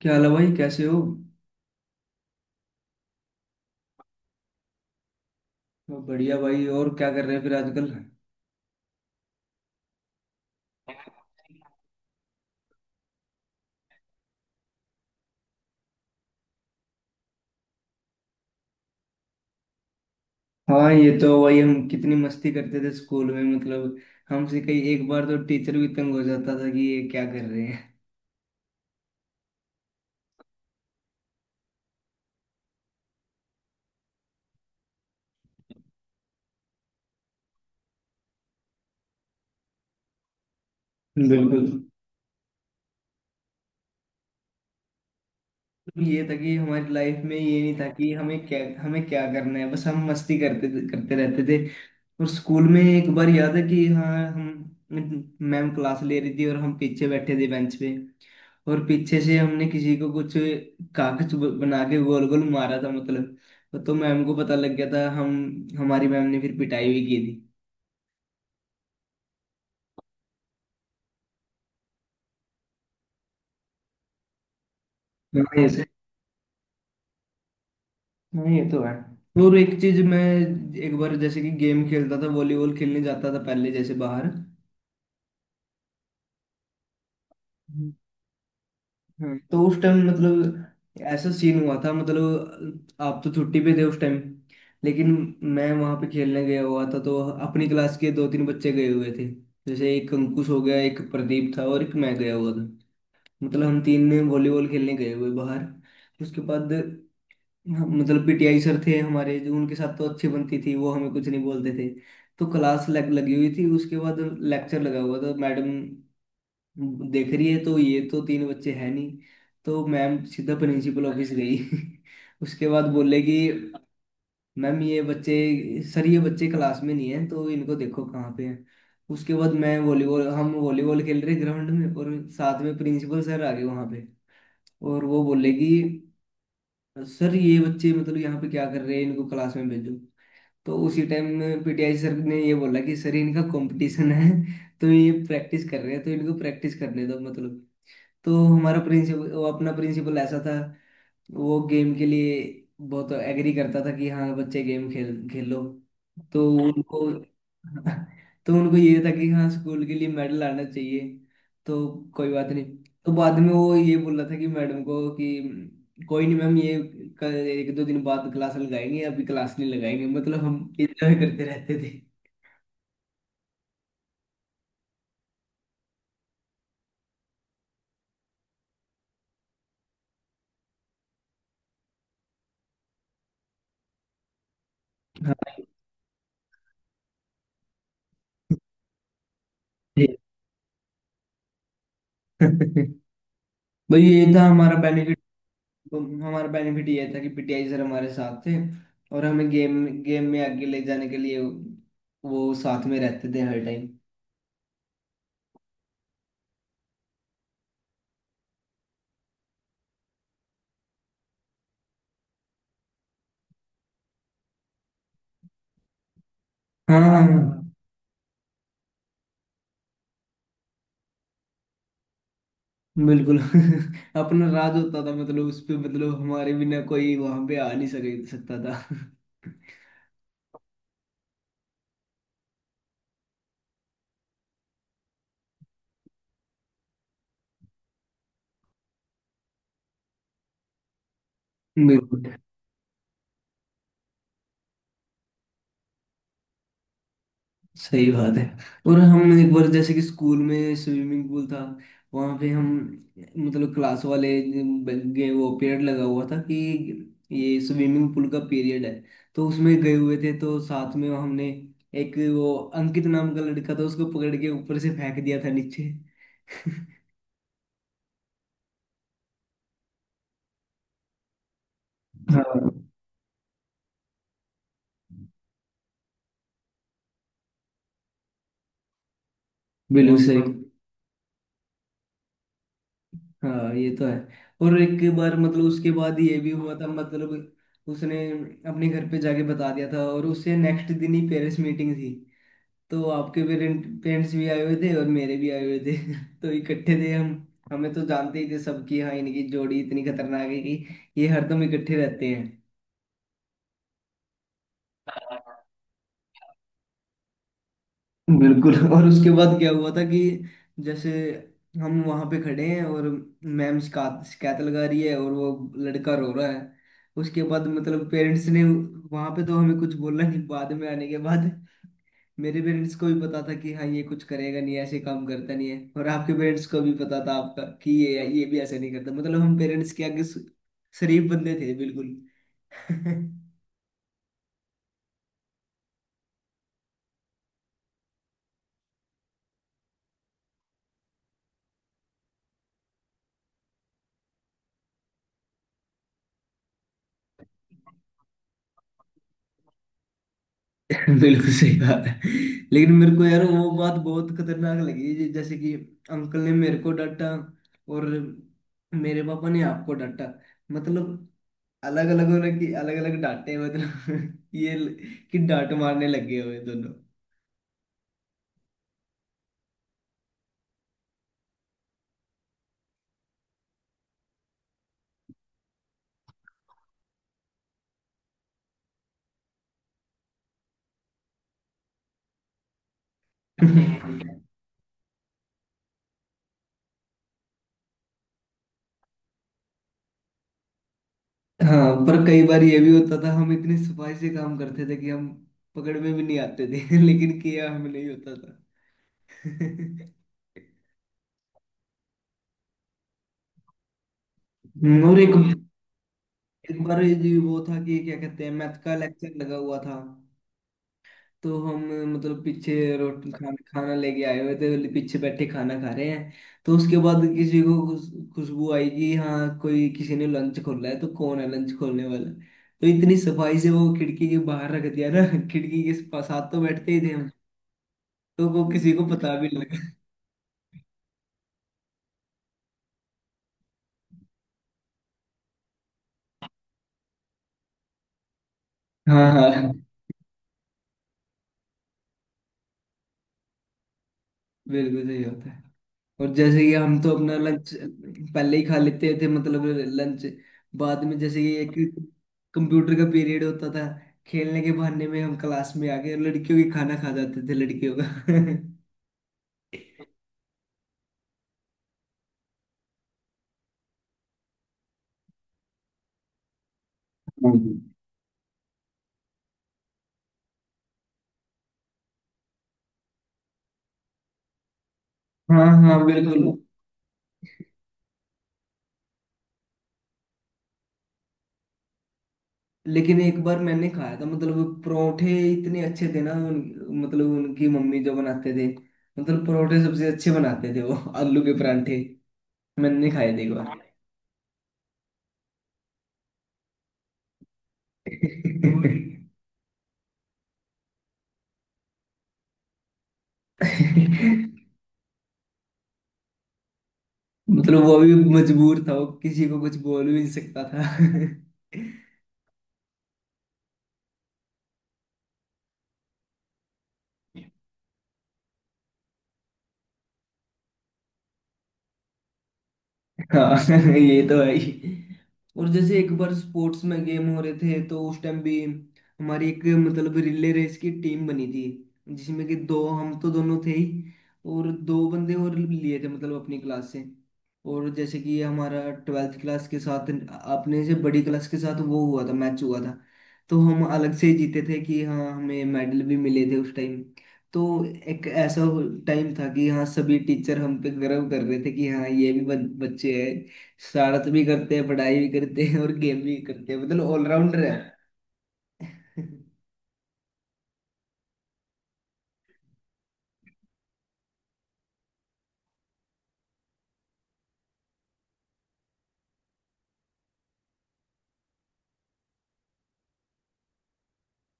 क्या हाल है भाई, कैसे हो। मैं बढ़िया भाई। और क्या कर रहे हैं फिर आजकल। हाँ, ये तो भाई हम कितनी मस्ती करते थे स्कूल में, मतलब। हमसे कई एक बार तो टीचर भी तंग हो जाता था कि ये क्या कर रहे हैं। बिल्कुल, मतलब। ये था कि हमारी लाइफ में ये नहीं था कि हमें क्या करना है, बस हम मस्ती करते करते रहते थे। और स्कूल में एक बार याद है कि हाँ, हम, मैम क्लास ले रही थी और हम पीछे बैठे थे बेंच पे। और पीछे से हमने किसी को कुछ कागज बना के गोल गोल मारा था, मतलब। तो मैम को पता लग गया था। हम हमारी मैम ने फिर पिटाई भी की थी। हाँ, ऐसे। हाँ, ये तो है। और एक चीज मैं, एक बार जैसे कि गेम खेलता था, वॉलीबॉल खेलने जाता था पहले जैसे बाहर। हम्म। तो उस टाइम मतलब ऐसा सीन हुआ था, मतलब आप तो छुट्टी पे थे उस टाइम। लेकिन मैं वहां पे खेलने गया हुआ था, तो अपनी क्लास के दो तीन बच्चे गए हुए थे। जैसे एक अंकुश हो गया, एक प्रदीप था और एक मैं गया हुआ था। मतलब हम तीन वॉलीबॉल खेलने गए हुए बाहर। उसके बाद मतलब पीटीआई सर थे हमारे, जो उनके साथ तो अच्छी बनती थी, वो हमें कुछ नहीं बोलते थे। तो क्लास लग लगी हुई थी। उसके बाद लेक्चर लगा हुआ था, मैडम देख रही है तो ये तो तीन बच्चे हैं नहीं। तो मैम सीधा प्रिंसिपल ऑफिस गई। उसके बाद बोले कि मैम ये बच्चे, सर ये बच्चे क्लास में नहीं है, तो इनको देखो कहाँ पे हैं। उसके बाद मैं वॉलीबॉल हम वॉलीबॉल खेल रहे ग्राउंड में, और साथ में प्रिंसिपल सर आ गए वहाँ पे। और वो बोले कि सर ये बच्चे मतलब यहाँ पे क्या कर रहे हैं, इनको क्लास में भेजो। तो उसी टाइम पीटीआई सर ने ये बोला कि सर इनका कंपटीशन है, तो ये प्रैक्टिस कर रहे हैं, तो इनको प्रैक्टिस करने दो, मतलब। तो हमारा प्रिंसिपल, अपना प्रिंसिपल ऐसा था, वो गेम के लिए बहुत एग्री करता था कि हाँ बच्चे गेम खेल खेलो। तो उनको तो उनको ये था कि हाँ स्कूल के लिए मेडल आना चाहिए। तो कोई बात नहीं। तो बाद में वो ये बोल रहा था कि मैडम को कि कोई नहीं मैम, ये कल एक दो दिन बाद क्लास लगाएंगे, अभी क्लास नहीं लगाएंगे, मतलब हम इंजॉय करते रहते थे। हाँ। जी। भाई ये था हमारा बेनिफिट। तो हमारा बेनिफिट ये था कि पीटीआई सर हमारे साथ थे, और हमें गेम गेम में आगे ले जाने के लिए वो साथ में रहते थे हर टाइम। हाँ, हाँ, हाँ। बिल्कुल। अपना राज होता था, मतलब उस पे, मतलब हमारे बिना कोई वहां पे आ नहीं सके सकता था। बिल्कुल सही बात है। और हम एक बार जैसे कि स्कूल में स्विमिंग पूल था, वहां पे हम, मतलब क्लास वाले गए, वो पीरियड लगा हुआ था कि ये स्विमिंग पूल का पीरियड है। तो उसमें गए हुए थे, तो साथ में हमने एक वो अंकित नाम का लड़का था, उसको पकड़ के ऊपर से फेंक दिया था नीचे। हाँ बिल्कुल सही। हाँ, ये तो है। और एक बार मतलब उसके बाद ये भी हुआ था, मतलब उसने अपने घर पे जाके बता दिया था, और उससे नेक्स्ट दिन ही पेरेंट्स मीटिंग थी। तो आपके पेरेंट्स भी आए हुए थे और मेरे भी आए हुए थे। तो इकट्ठे थे हम। हमें तो जानते ही थे सब कि हाँ, इनकी जोड़ी इतनी खतरनाक है कि ये हरदम इकट्ठे रहते हैं। बिल्कुल। और उसके बाद क्या हुआ था कि जैसे हम वहां पे खड़े हैं, और मैम शिकायत शिकायत लगा रही है, और वो लड़का रो रहा है। उसके बाद मतलब पेरेंट्स ने वहां पे तो हमें कुछ बोला नहीं, बाद में आने के बाद मेरे पेरेंट्स को भी पता था कि हाँ, ये कुछ करेगा नहीं, ऐसे काम करता नहीं है, और आपके पेरेंट्स को भी पता था आपका कि ये भी ऐसे नहीं करता, मतलब हम पेरेंट्स के आगे शरीफ बंदे थे बिल्कुल। बिल्कुल सही बात है। लेकिन मेरे को यार वो बात बहुत खतरनाक लगी जैसे कि अंकल ने मेरे को डांटा और मेरे पापा ने आपको डांटा। मतलब अलग अलग होने की अलग अलग डांटे, मतलब, कि डांट मारने लगे हुए दोनों। हाँ पर कई बार ये भी होता था, हम इतनी सफाई से काम करते थे कि हम पकड़ में भी नहीं आते थे। लेकिन किया हमें नहीं होता था। और एक, एक बार ये जी वो था कि क्या कहते हैं, मैथ का लेक्चर लगा हुआ था। तो हम मतलब पीछे रोटी खाना खाना लेके आए हुए थे, पीछे बैठे खाना खा रहे हैं। तो उसके बाद किसी को खुशबू आई कि हाँ कोई, किसी ने लंच खोला है, तो कौन है लंच खोलने वाला। तो इतनी सफाई से वो खिड़की के बाहर रख दिया ना। खिड़की के साथ तो बैठते ही थे, तो वो किसी को पता भी लगे। हाँ, हाँ, बिल्कुल सही होता है। और जैसे कि हम तो अपना लंच पहले ही खा लेते थे, मतलब लंच, बाद में जैसे कि एक कंप्यूटर का पीरियड होता था, खेलने के बहाने में हम क्लास में आ गए और लड़कियों की खाना खा जाते थे, लड़कियों का। हाँ जी। हाँ, हाँ, बिल्कुल। लेकिन एक बार मैंने खाया था, मतलब परोठे इतने अच्छे थे ना मतलब उनकी मम्मी जो बनाते थे, मतलब परोठे सबसे अच्छे बनाते थे वो, आलू के परांठे, मैंने खाए थे एक बार। मतलब वो भी मजबूर था, वो किसी को कुछ बोल भी नहीं सकता था। हाँ। ये तो है ही। और जैसे एक बार स्पोर्ट्स में गेम हो रहे थे, तो उस टाइम भी हमारी एक मतलब रिले रेस की टीम बनी थी, जिसमें कि दो, हम तो दोनों थे ही, और दो बंदे और लिए थे मतलब अपनी क्लास से। और जैसे कि ये हमारा ट्वेल्थ क्लास के साथ, अपने से बड़ी क्लास के साथ वो हुआ था, मैच हुआ था, तो हम अलग से ही जीते थे कि हाँ हमें मेडल भी मिले थे उस टाइम। तो एक ऐसा टाइम था कि हाँ सभी टीचर हम पे गर्व कर रहे थे कि हाँ ये भी बच्चे हैं, शरारत भी करते हैं, पढ़ाई भी करते हैं और गेम भी करते हैं, मतलब ऑलराउंडर है।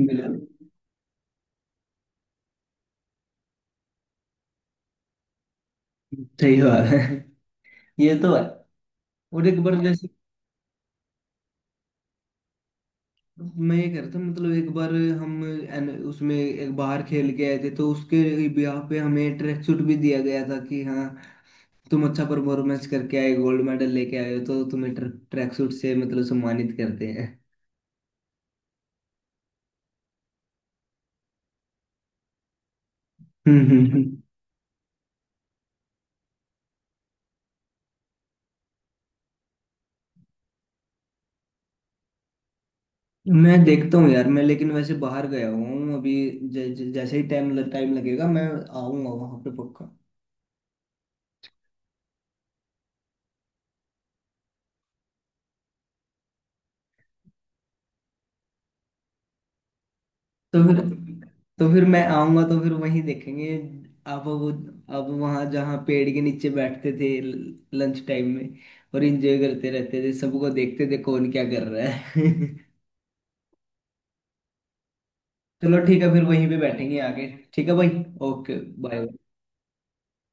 बिल्कुल सही बात है। ये तो है। और एक बार जैसे, मैं ये कह रहा था मतलब एक बार हम उसमें एक बाहर खेल के आए थे, तो उसके ब्याह पे हमें ट्रैक सूट भी दिया गया था कि हाँ तुम अच्छा परफॉर्मेंस करके आए, गोल्ड मेडल लेके आए हो तो तुम्हें ट्रैक सूट से मतलब सम्मानित करते हैं। हम्म, मैं देखता हूँ यार, मैं लेकिन वैसे बाहर गया हुआ हूँ अभी। ज, ज, जैसे ही टाइम टाइम लगेगा, मैं आऊंगा वहां पे पक्का। तो फिर तो फिर मैं आऊंगा, तो फिर वहीं देखेंगे। आप वो आप वहां जहाँ पेड़ के नीचे बैठते थे लंच टाइम में, और एंजॉय करते रहते थे, सबको देखते थे कौन क्या कर रहा है। चलो ठीक है, फिर वहीं पे बैठेंगे आगे। ठीक है भाई। ओके। बाय।